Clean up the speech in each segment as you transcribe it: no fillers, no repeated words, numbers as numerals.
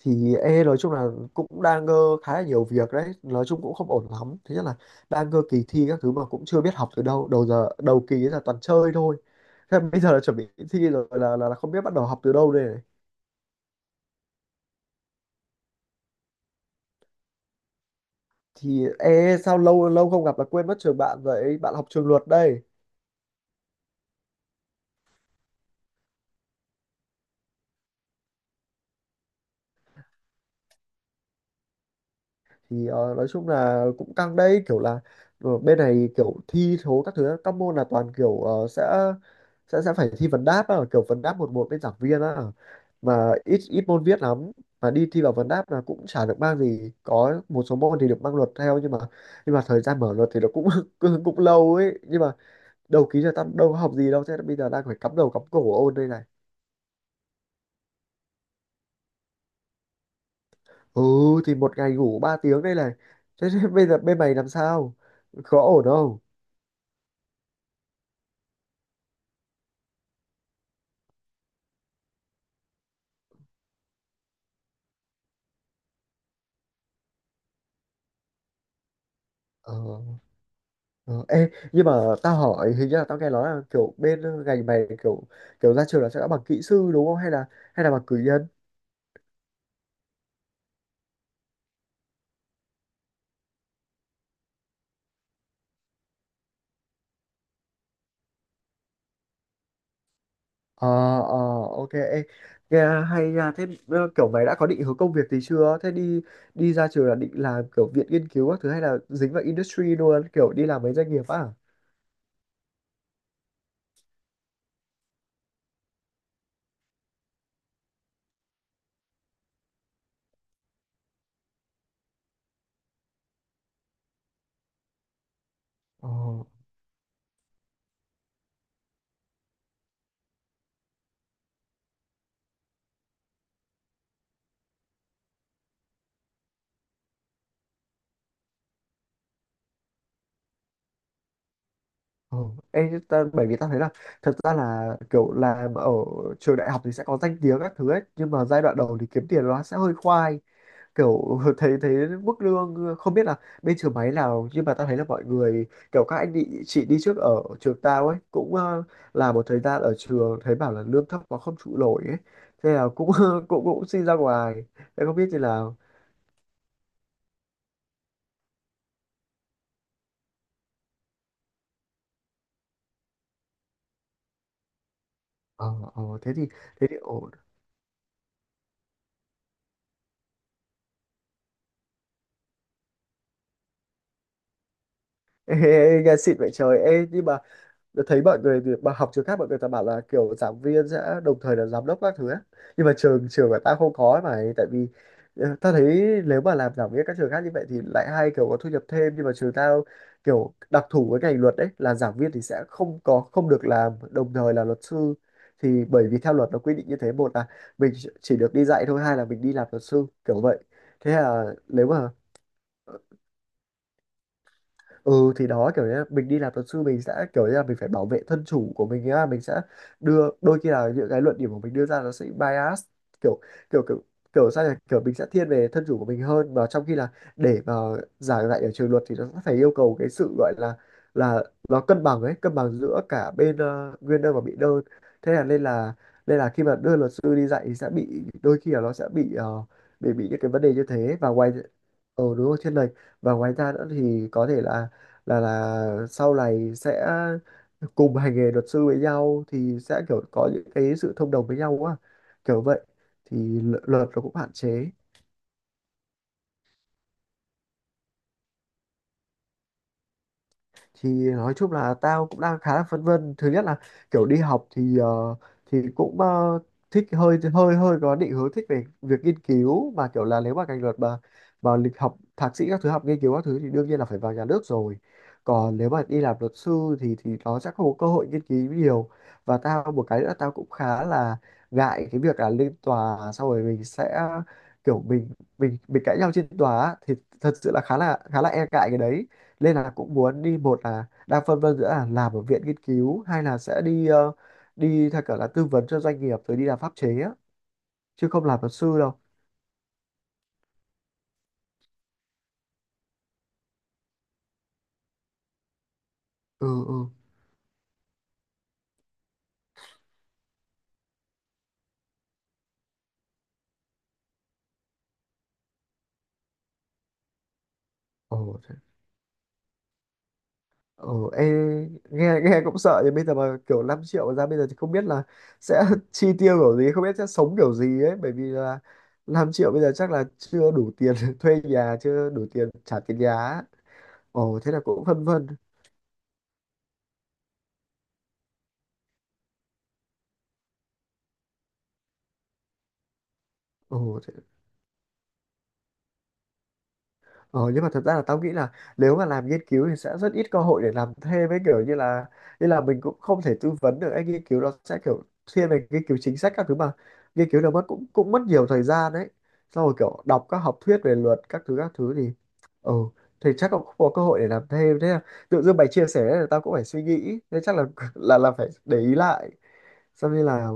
Thì e nói chung là cũng đang ngơ khá là nhiều việc đấy, nói chung cũng không ổn lắm. Thứ nhất là đang ngơ kỳ thi các thứ mà cũng chưa biết học từ đâu, đầu giờ đầu kỳ ấy là toàn chơi thôi. Thế mà bây giờ là chuẩn bị thi rồi là, là không biết bắt đầu học từ đâu đây này. Thì e sao, lâu lâu không gặp là quên mất trường bạn, vậy bạn học trường luật đây. Thì nói chung là cũng căng đấy, kiểu là bên này kiểu thi thố các thứ, các môn là toàn kiểu sẽ sẽ phải thi vấn đáp á, kiểu vấn đáp một một bên giảng viên á. Mà ít ít môn viết lắm. Mà đi thi vào vấn đáp là cũng chả được mang gì, có một số môn thì được mang luật theo, nhưng mà thời gian mở luật thì nó cũng cũng lâu ấy, nhưng mà đầu ký giờ tao đâu có học gì đâu, thế bây giờ đang phải cắm đầu cắm cổ ôn đây này. Ừ, thì một ngày ngủ 3 tiếng đây này. Thế, thế bây giờ bên mày làm sao, có ổn không? Ờ. Ờ, ê, nhưng mà tao hỏi, hình như là tao nghe nói là kiểu bên ngành mày kiểu kiểu ra trường là sẽ đã bằng kỹ sư đúng không, hay là bằng cử nhân? Ờ. Ờ, OK, ê, nghe hay nha. Thế kiểu mày đã có định hướng công việc gì chưa? Thế đi đi ra trường là định làm kiểu viện nghiên cứu các thứ hay là dính vào industry luôn, kiểu đi làm mấy doanh nghiệp á? Ờ. Ồ, ê, ta, bởi vì ta thấy là, thật ra là kiểu làm ở trường đại học thì sẽ có danh tiếng các thứ ấy, nhưng mà giai đoạn đầu thì kiếm tiền nó sẽ hơi khoai, kiểu thấy thấy mức lương không biết là bên trường máy nào, nhưng mà ta thấy là mọi người, kiểu các anh đi chị đi trước ở trường tao ấy cũng làm một thời gian ở trường thấy bảo là lương thấp quá không trụ nổi ấy, thế là cũng cũng cũng xin ra ngoài. Thế không biết thì là. Ờ, ờ, thế thì ổn. ê, ê, ê, nghe xịn vậy trời, ê, nhưng mà đã thấy mọi người bà học trường khác, mọi người ta bảo là kiểu giảng viên sẽ đồng thời là giám đốc các thứ á. Nhưng mà trường trường của ta không có ấy, mà tại vì ta thấy nếu mà làm giảng viên các trường khác như vậy thì lại hay kiểu có thu nhập thêm, nhưng mà trường tao kiểu đặc thù với ngành luật đấy là giảng viên thì sẽ không được làm đồng thời là luật sư. Thì bởi vì theo luật nó quy định như thế, một là mình chỉ được đi dạy thôi, hai là mình đi làm luật sư kiểu vậy. Thế là nếu mà ừ, thì đó, kiểu như là mình đi làm luật sư mình sẽ kiểu như là mình phải bảo vệ thân chủ của mình á, mình sẽ đưa, đôi khi là những cái luận điểm của mình đưa ra nó sẽ bias, kiểu kiểu kiểu kiểu sao nhỉ, kiểu mình sẽ thiên về thân chủ của mình hơn, mà trong khi là để mà giảng dạy ở trường luật thì nó sẽ phải yêu cầu cái sự gọi là là nó cân bằng ấy, cân bằng giữa cả bên nguyên đơn và bị đơn. Thế là nên là khi mà đưa luật sư đi dạy thì sẽ bị, đôi khi là nó sẽ bị bị những cái vấn đề như thế. Và ngoài, ờ đúng rồi, thiên lệch. Và ngoài ra nữa thì có thể là là sau này sẽ cùng hành nghề luật sư với nhau thì sẽ kiểu có những cái sự thông đồng với nhau quá, kiểu vậy thì luật nó cũng hạn chế. Thì nói chung là tao cũng đang khá là phân vân. Thứ nhất là kiểu đi học thì thì cũng thích, hơi hơi hơi có định hướng thích về việc nghiên cứu, mà kiểu là nếu mà ngành luật mà lịch học thạc sĩ các thứ, học nghiên cứu các thứ thì đương nhiên là phải vào nhà nước rồi. Còn nếu mà đi làm luật sư thì nó sẽ không có cơ hội nghiên cứu nhiều. Và tao một cái nữa tao cũng khá là ngại cái việc là lên tòa xong rồi mình sẽ kiểu, mình cãi nhau trên tòa á, thì thật sự là khá là, khá là e ngại cái đấy. Nên là cũng muốn đi, một là đang phân vân giữa là làm ở viện nghiên cứu hay là sẽ đi đi theo kiểu là tư vấn cho doanh nghiệp rồi đi làm pháp chế á, chứ không làm luật sư đâu. Ừ, ừ. Ồ, ồ, ê, nghe nghe cũng sợ, nhưng bây giờ mà kiểu 5 triệu mà ra bây giờ thì không biết là sẽ chi tiêu kiểu gì, không biết sẽ sống kiểu gì ấy, bởi vì là 5 triệu bây giờ chắc là chưa đủ tiền thuê nhà, chưa đủ tiền trả tiền nhà á. Ồ, thế là cũng phân vân. Ồ. Ờ, nhưng mà thật ra là tao nghĩ là nếu mà làm nghiên cứu thì sẽ rất ít cơ hội để làm thêm ấy, kiểu như là mình cũng không thể tư vấn được, anh nghiên cứu nó sẽ kiểu thiên về nghiên cứu chính sách các thứ, mà nghiên cứu nó mất cũng, mất nhiều thời gian đấy, xong rồi kiểu đọc các học thuyết về luật các thứ thì, ừ, thì chắc cũng không có cơ hội để làm thêm. Thế là tự dưng mày chia sẻ là tao cũng phải suy nghĩ, thế chắc là là phải để ý lại, xong như là.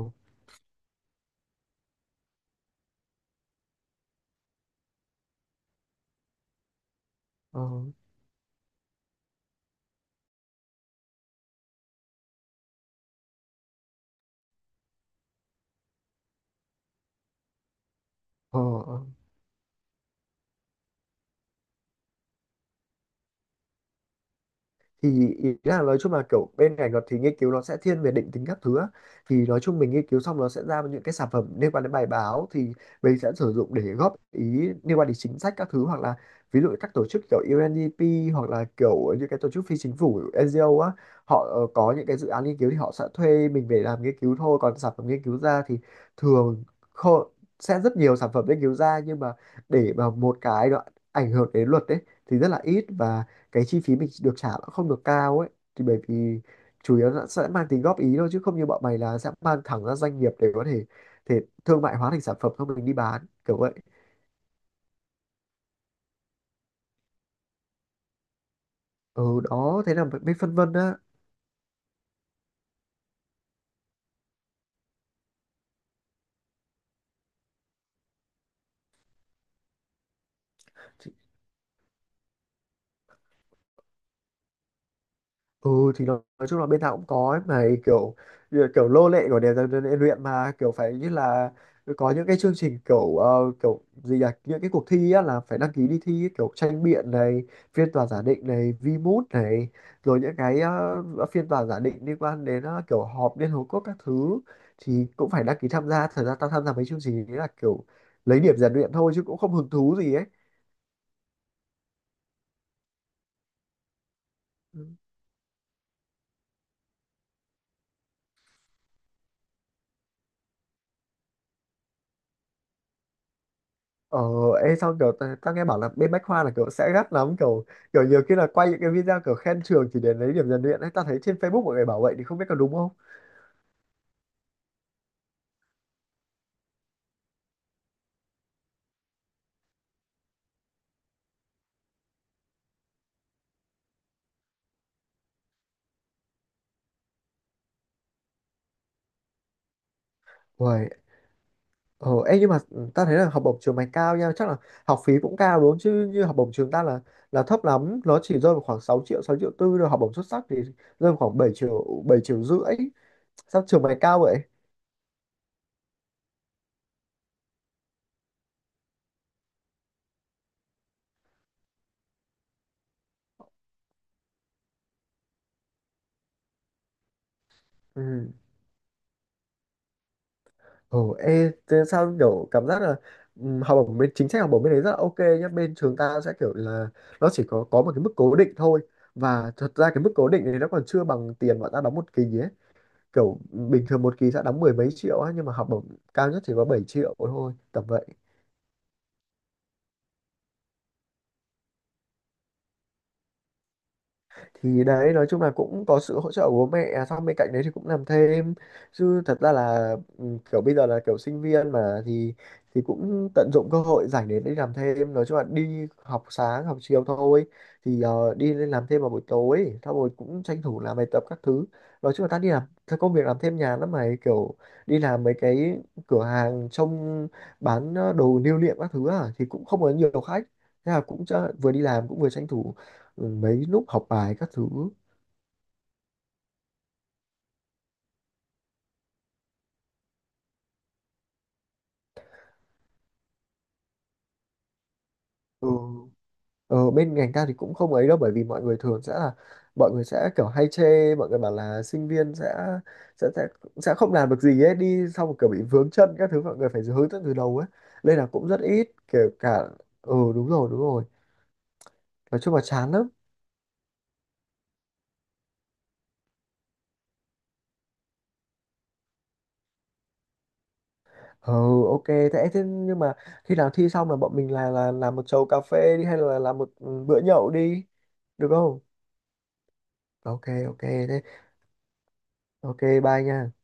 Ờ, ờ, ờ, thì ý là nói chung là kiểu bên ngành luật thì nghiên cứu nó sẽ thiên về định tính các thứ á. Thì nói chung mình nghiên cứu xong nó sẽ ra những cái sản phẩm liên quan đến bài báo thì mình sẽ sử dụng để góp ý liên quan đến chính sách các thứ, hoặc là ví dụ các tổ chức kiểu UNDP, hoặc là kiểu những cái tổ chức phi chính phủ NGO á, họ có những cái dự án nghiên cứu thì họ sẽ thuê mình về làm nghiên cứu thôi. Còn sản phẩm nghiên cứu ra thì thường kho- sẽ rất nhiều sản phẩm nghiên cứu ra, nhưng mà để mà một cái nó ảnh hưởng đến luật đấy thì rất là ít. Và cái chi phí mình được trả nó không được cao ấy, thì bởi vì chủ yếu nó sẽ mang tính góp ý thôi, chứ không như bọn mày là sẽ mang thẳng ra doanh nghiệp để có thể thể thương mại hóa thành sản phẩm xong mình đi bán kiểu vậy. Ừ đó, thế là mới phân vân á. Ừ, thì nói chung là bên nào cũng có ấy, mà kiểu kiểu lô lệ của đèn dần dần luyện luyện mà kiểu phải như là có những cái chương trình kiểu kiểu gì là những cái cuộc thi á, là phải đăng ký đi thi ấy, kiểu tranh biện này, phiên tòa giả định này, VMoot này, rồi những cái phiên tòa giả định liên quan đến kiểu họp Liên Hợp Quốc các thứ, thì cũng phải đăng ký tham gia. Thật ra tao tham gia mấy chương trình đấy là kiểu lấy điểm rèn luyện thôi chứ cũng không hứng thú gì ấy. Ờ, ê sao kiểu tao tao nghe bảo là bên Bách Khoa là kiểu sẽ gắt lắm, kiểu kiểu nhiều khi là quay những cái video kiểu khen trường chỉ để lấy điểm rèn luyện ấy, tao thấy trên Facebook mọi người bảo vậy thì không biết có đúng không? Uầy, ờ, ê nhưng mà tao thấy là học bổng trường mày cao nha, chắc là học phí cũng cao đúng không? Chứ như học bổng trường ta là thấp lắm, nó chỉ rơi vào khoảng 6 triệu, 6,4 triệu, rồi học bổng xuất sắc thì rơi vào khoảng 7 triệu, 7,5 triệu. Sao trường mày cao vậy? Ừ. Ồ, ê, thế sao kiểu cảm giác là học bổng bên chính sách, học bổng bên đấy rất là OK nhá bên trường ta sẽ kiểu là nó chỉ có một cái mức cố định thôi, và thật ra cái mức cố định này nó còn chưa bằng tiền bọn ta đóng một kỳ ấy, kiểu bình thường một kỳ sẽ đóng mười mấy triệu ấy, nhưng mà học bổng cao nhất chỉ có 7 triệu thôi tầm vậy. Thì đấy nói chung là cũng có sự hỗ trợ của bố mẹ, à xong bên cạnh đấy thì cũng làm thêm, chứ thật ra là ừ, kiểu bây giờ là kiểu sinh viên mà thì cũng tận dụng cơ hội rảnh để đi làm thêm. Nói chung là đi học sáng học chiều thôi, thì đi lên làm thêm vào buổi tối xong rồi cũng tranh thủ làm bài tập các thứ. Nói chung là ta đi làm cái công việc làm thêm nhàn lắm mày, kiểu đi làm mấy cái cửa hàng trông bán đồ lưu niệm các thứ à, thì cũng không có nhiều khách. Thế là cũng vừa đi làm cũng vừa tranh thủ, ừ, mấy lúc học bài các thứ. Ừ. Bên ngành ta thì cũng không ấy đâu, bởi vì mọi người thường sẽ là, mọi người sẽ kiểu hay chê, mọi người bảo là sinh viên sẽ sẽ sẽ, sẽ không làm được gì ấy, đi xong rồi kiểu bị vướng chân các thứ, mọi người phải hướng dẫn từ đầu ấy, nên là cũng rất ít kể cả. Ừ đúng rồi, đúng rồi, nói chung là chán lắm. Ừ, OK thế, nhưng mà khi nào thi xong là bọn mình là làm một chầu cà phê đi, hay là làm một bữa nhậu đi, được không? OK. OK thế. OK bye nha.